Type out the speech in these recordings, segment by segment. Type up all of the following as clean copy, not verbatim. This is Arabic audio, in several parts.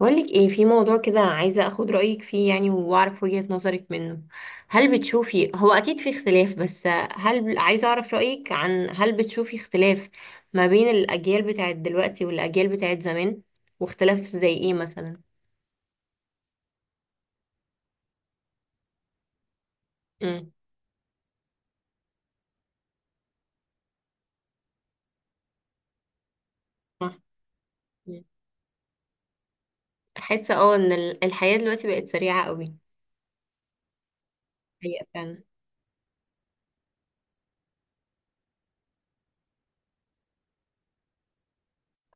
بقولك ايه في موضوع كده، عايزة اخد رأيك فيه يعني واعرف وجهة نظرك منه. هل بتشوفي، هو اكيد في اختلاف، بس هل، عايزة اعرف رأيك، عن هل بتشوفي اختلاف ما بين الاجيال بتاعت دلوقتي والاجيال بتاعت زمان؟ واختلاف زي ايه مثلا؟ امم. صح. احس ان الحياة دلوقتي بقت سريعة قوي. حقيقة.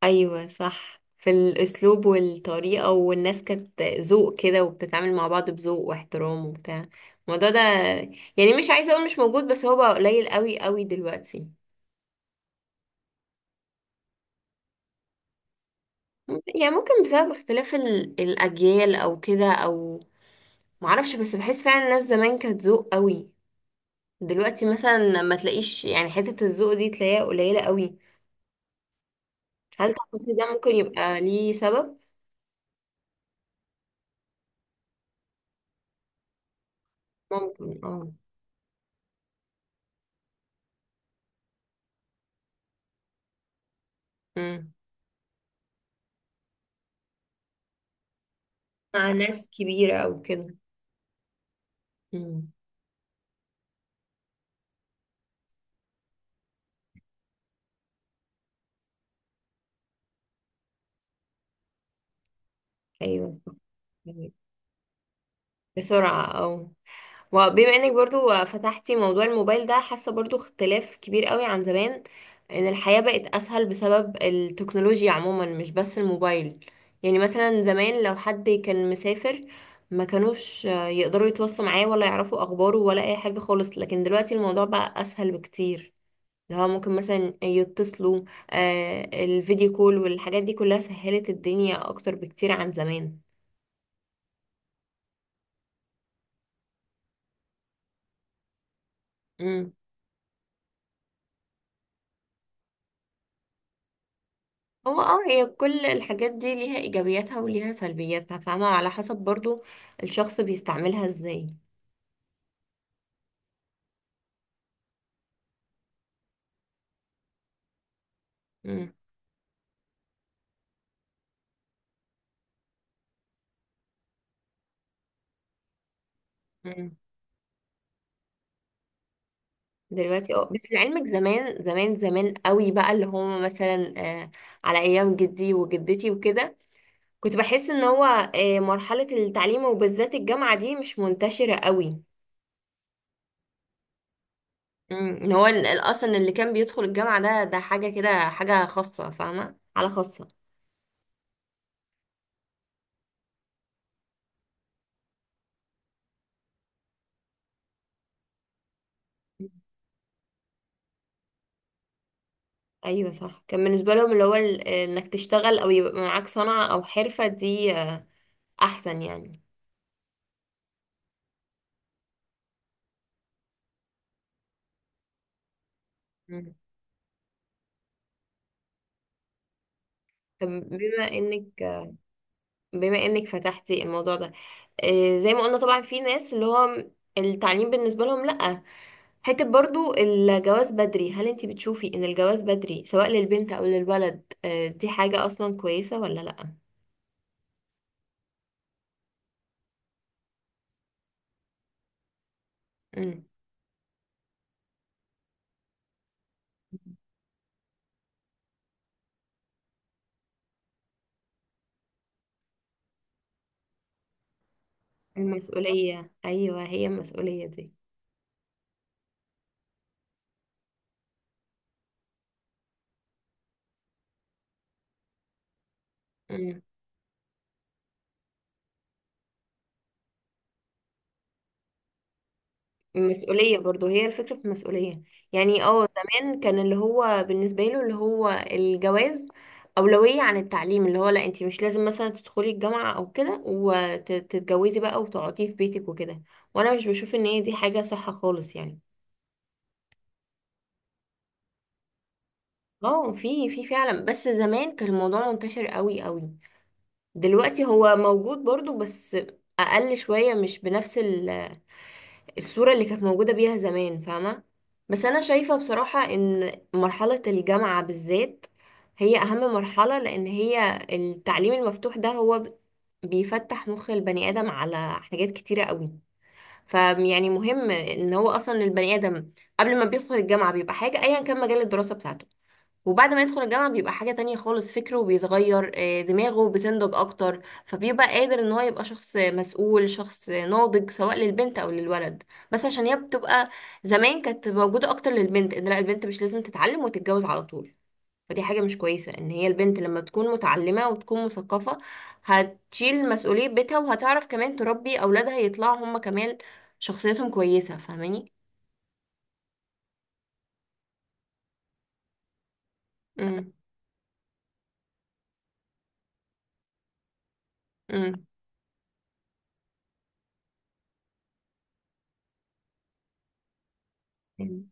ايوه صح، في الاسلوب والطريقه، والناس كانت ذوق كده وبتتعامل مع بعض بذوق واحترام وبتاع الموضوع ده. يعني مش عايزه اقول مش موجود، بس هو بقى قليل قوي قوي دلوقتي. يعني ممكن بسبب اختلاف الاجيال او كده او، معرفش، بس بحس فعلا الناس زمان كانت ذوق قوي. دلوقتي مثلا ما تلاقيش، يعني حته الذوق دي تلاقيها قليله قوي. هل تعتقد ده ممكن يبقى ليه سبب؟ ممكن، اه. مم. مع ناس كبيره او كده. مم. ايوه. بسرعة او، وبما انك برضو فتحتي موضوع الموبايل ده، حاسة برضو اختلاف كبير قوي عن زمان، ان الحياة بقت اسهل بسبب التكنولوجيا عموما مش بس الموبايل. يعني مثلا زمان لو حد كان مسافر، ما كانوش يقدروا يتواصلوا معاه ولا يعرفوا اخباره ولا اي حاجة خالص، لكن دلوقتي الموضوع بقى اسهل بكتير، اللي هو ممكن مثلا يتصلوا. الفيديو كول والحاجات دي كلها سهلت الدنيا اكتر بكتير عن زمان. هو هي كل الحاجات دي ليها ايجابياتها وليها سلبياتها، فاهمة؟ على حسب برضو الشخص بيستعملها ازاي. مم. مم. دلوقتي اه، بس لعلمك زمان زمان زمان قوي بقى، اللي هم مثلا على ايام جدي وجدتي وكده، كنت بحس ان هو مرحلة التعليم وبالذات الجامعة دي مش منتشرة قوي. مم. ان هو اصلا اللي كان بيدخل الجامعة ده حاجة كده، حاجة خاصة، فاهمة؟ على خاصة. ايوه صح، كان بالنسبه لهم اللي هو انك تشتغل او يبقى معاك صنعه او حرفه دي احسن يعني. مم. طب بما انك فتحتي الموضوع ده، زي ما قلنا طبعا في ناس اللي هو التعليم بالنسبه لهم لا، حته برضو الجواز بدري. هل انت بتشوفي ان الجواز بدري سواء للبنت او للولد دي حاجه اصلا كويسه ولا لا؟ مم. المسؤوليه، ايوه، هي المسؤوليه دي. مم. مسؤولية برضو، هي الفكرة في المسؤولية. يعني زمان كان اللي هو بالنسبة له اللي هو الجواز أولوية عن التعليم، اللي هو لا، انتي مش لازم مثلا تدخلي الجامعة أو كده، وتتجوزي بقى وتقعدي في بيتك وكده، وأنا مش بشوف إن هي دي حاجة صح خالص يعني. اه، في فعلا، بس زمان كان الموضوع منتشر قوي قوي. دلوقتي هو موجود برضو، بس أقل شوية، مش بنفس الصورة اللي كانت موجودة بيها زمان، فاهمة؟ بس أنا شايفة بصراحة إن مرحلة الجامعة بالذات هي أهم مرحلة، لأن هي التعليم المفتوح ده هو بيفتح مخ البني آدم على حاجات كتيرة قوي. فيعني مهم إن هو أصلا البني آدم قبل ما بيدخل الجامعة بيبقى حاجة، أيا كان مجال الدراسة بتاعته، وبعد ما يدخل الجامعة بيبقى حاجة تانية خالص، فكره بيتغير، دماغه بتنضج أكتر، فبيبقى قادر إن هو يبقى شخص مسؤول، شخص ناضج، سواء للبنت أو للولد. بس عشان هي بتبقى، زمان كانت موجودة أكتر للبنت، إن لا، البنت مش لازم تتعلم وتتجوز على طول. فدي حاجة مش كويسة. إن هي البنت لما تكون متعلمة وتكون مثقفة، هتشيل مسؤولية بيتها، وهتعرف كمان تربي أولادها يطلعوا هما كمان شخصيتهم كويسة، فاهماني؟ امم، امم،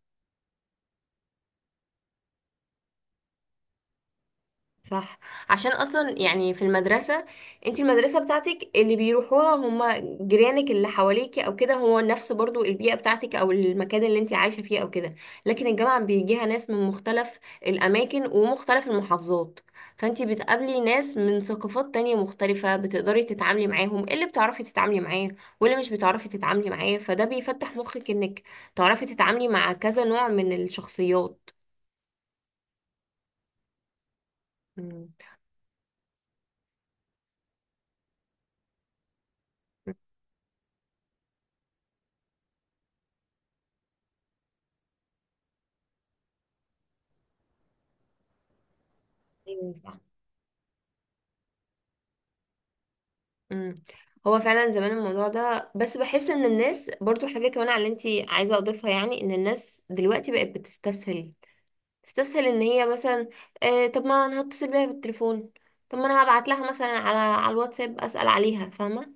صح. عشان اصلا يعني في المدرسه، انت المدرسه بتاعتك اللي بيروحوها هم جيرانك اللي حواليكي او كده، هو نفس برضو البيئه بتاعتك او المكان اللي انت عايشه فيه او كده، لكن الجامعه بيجيها ناس من مختلف الاماكن ومختلف المحافظات، فانت بتقابلي ناس من ثقافات تانية مختلفه، بتقدري تتعاملي معاهم، اللي بتعرفي تتعاملي معاه واللي مش بتعرفي تتعاملي معاه، فده بيفتح مخك انك تعرفي تتعاملي مع كذا نوع من الشخصيات. مم. ايوه صح. مم. هو فعلا زمان الموضوع ده، بس بحس ان الناس برضو حاجة كمان على اللي انتي عايزة اضيفها، يعني ان الناس دلوقتي بقت بتستسهل، تستسهل ان هي مثلا، طب ما انا هتصل بيها بالتليفون، طب ما انا هبعت لها مثلا على الواتساب اسأل عليها، فاهمة؟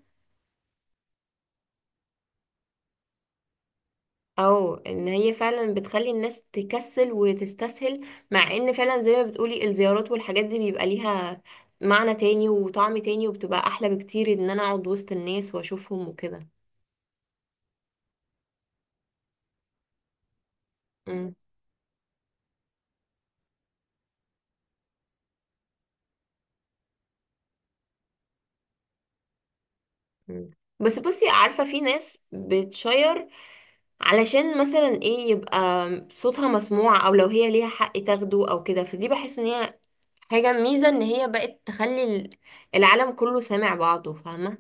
او ان هي فعلا بتخلي الناس تكسل وتستسهل، مع ان فعلا زي ما بتقولي الزيارات والحاجات دي بيبقى ليها معنى تاني وطعم تاني، وبتبقى احلى بكتير ان انا اقعد وسط الناس واشوفهم وكده. مم. بس بصي، عارفة في ناس بتشير علشان مثلا ايه؟ يبقى صوتها مسموع، او لو هي ليها حق تاخده او كده، فدي بحس ان هي حاجة ميزة، ان هي بقت تخلي العالم كله سامع بعضه، فاهمة؟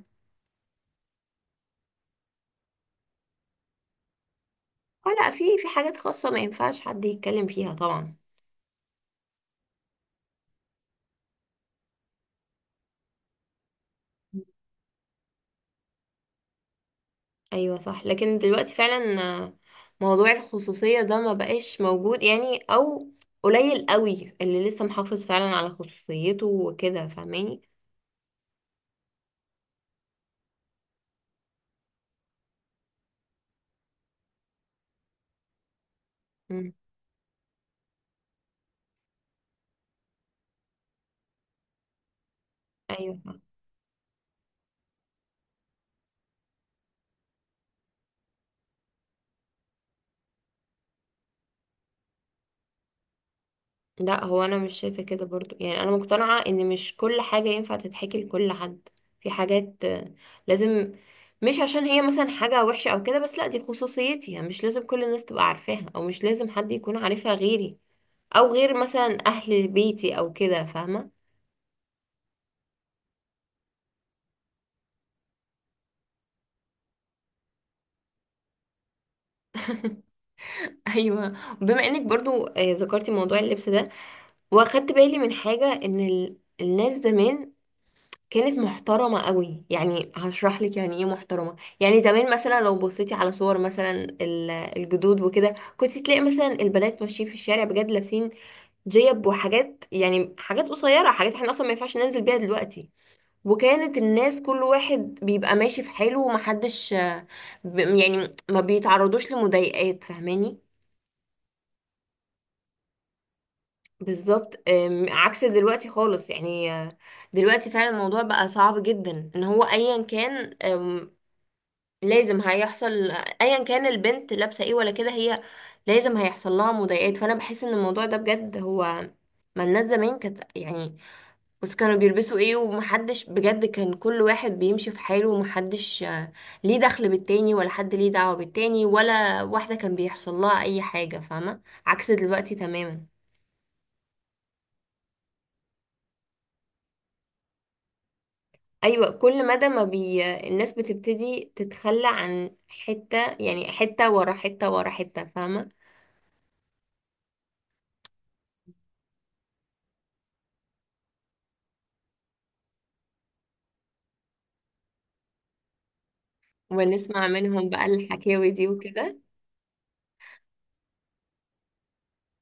اه لا، في حاجات خاصة ما ينفعش حد يتكلم فيها طبعا. ايوه صح، لكن دلوقتي فعلا موضوع الخصوصية ده ما بقاش موجود يعني، او قليل قوي اللي لسه محافظ فعلا على خصوصيته وكده، فاهماني؟ مم. ايوه. لا، هو انا مش شايفه كده برضو، يعني انا مقتنعه ان مش كل حاجه ينفع تتحكي لكل حد، في حاجات لازم، مش عشان هي مثلا حاجه وحشه او كده، بس لا دي خصوصيتي، يعني مش لازم كل الناس تبقى عارفاها، او مش لازم حد يكون عارفها غيري او غير مثلا اهل بيتي او كده، فاهمه؟ ايوه. بما انك برضو ذكرتي موضوع اللبس ده، واخدت بالي من حاجه، ان الناس زمان كانت محترمة قوي. يعني هشرح لك يعني ايه محترمة. يعني زمان مثلا لو بصيتي على صور مثلا الجدود وكده، كنت تلاقي مثلا البنات ماشيين في الشارع بجد لابسين جيب وحاجات، يعني حاجات قصيرة، حاجات احنا اصلا ما ينفعش ننزل بيها دلوقتي، وكانت الناس كل واحد بيبقى ماشي في حاله، ومحدش يعني ما بيتعرضوش لمضايقات، فاهماني؟ بالظبط. عكس دلوقتي خالص يعني، دلوقتي فعلا الموضوع بقى صعب جدا، ان هو ايا كان لازم هيحصل، ايا كان البنت لابسه ايه ولا كده، هي لازم هيحصل لها مضايقات. فانا بحس ان الموضوع ده بجد هو، ما الناس زمان كانت يعني، بس كانوا بيلبسوا ايه، ومحدش بجد كان، كل واحد بيمشي في حاله، ومحدش ليه دخل بالتاني، ولا حد ليه دعوة بالتاني، ولا واحدة كان بيحصل لها اي حاجة، فاهمة؟ عكس دلوقتي تماما. ايوه، كل مدى ما بي الناس بتبتدي تتخلى عن حتة، يعني حتة ورا حتة ورا حتة، فاهمة؟ ونسمع منهم بقى الحكاوي دي وكده.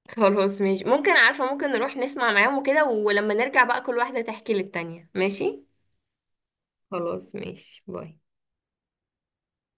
خلاص ماشي، ممكن، عارفة، ممكن نروح نسمع معاهم وكده، ولما نرجع بقى كل واحدة تحكي للتانية، ماشي؟ خلاص ماشي، باي.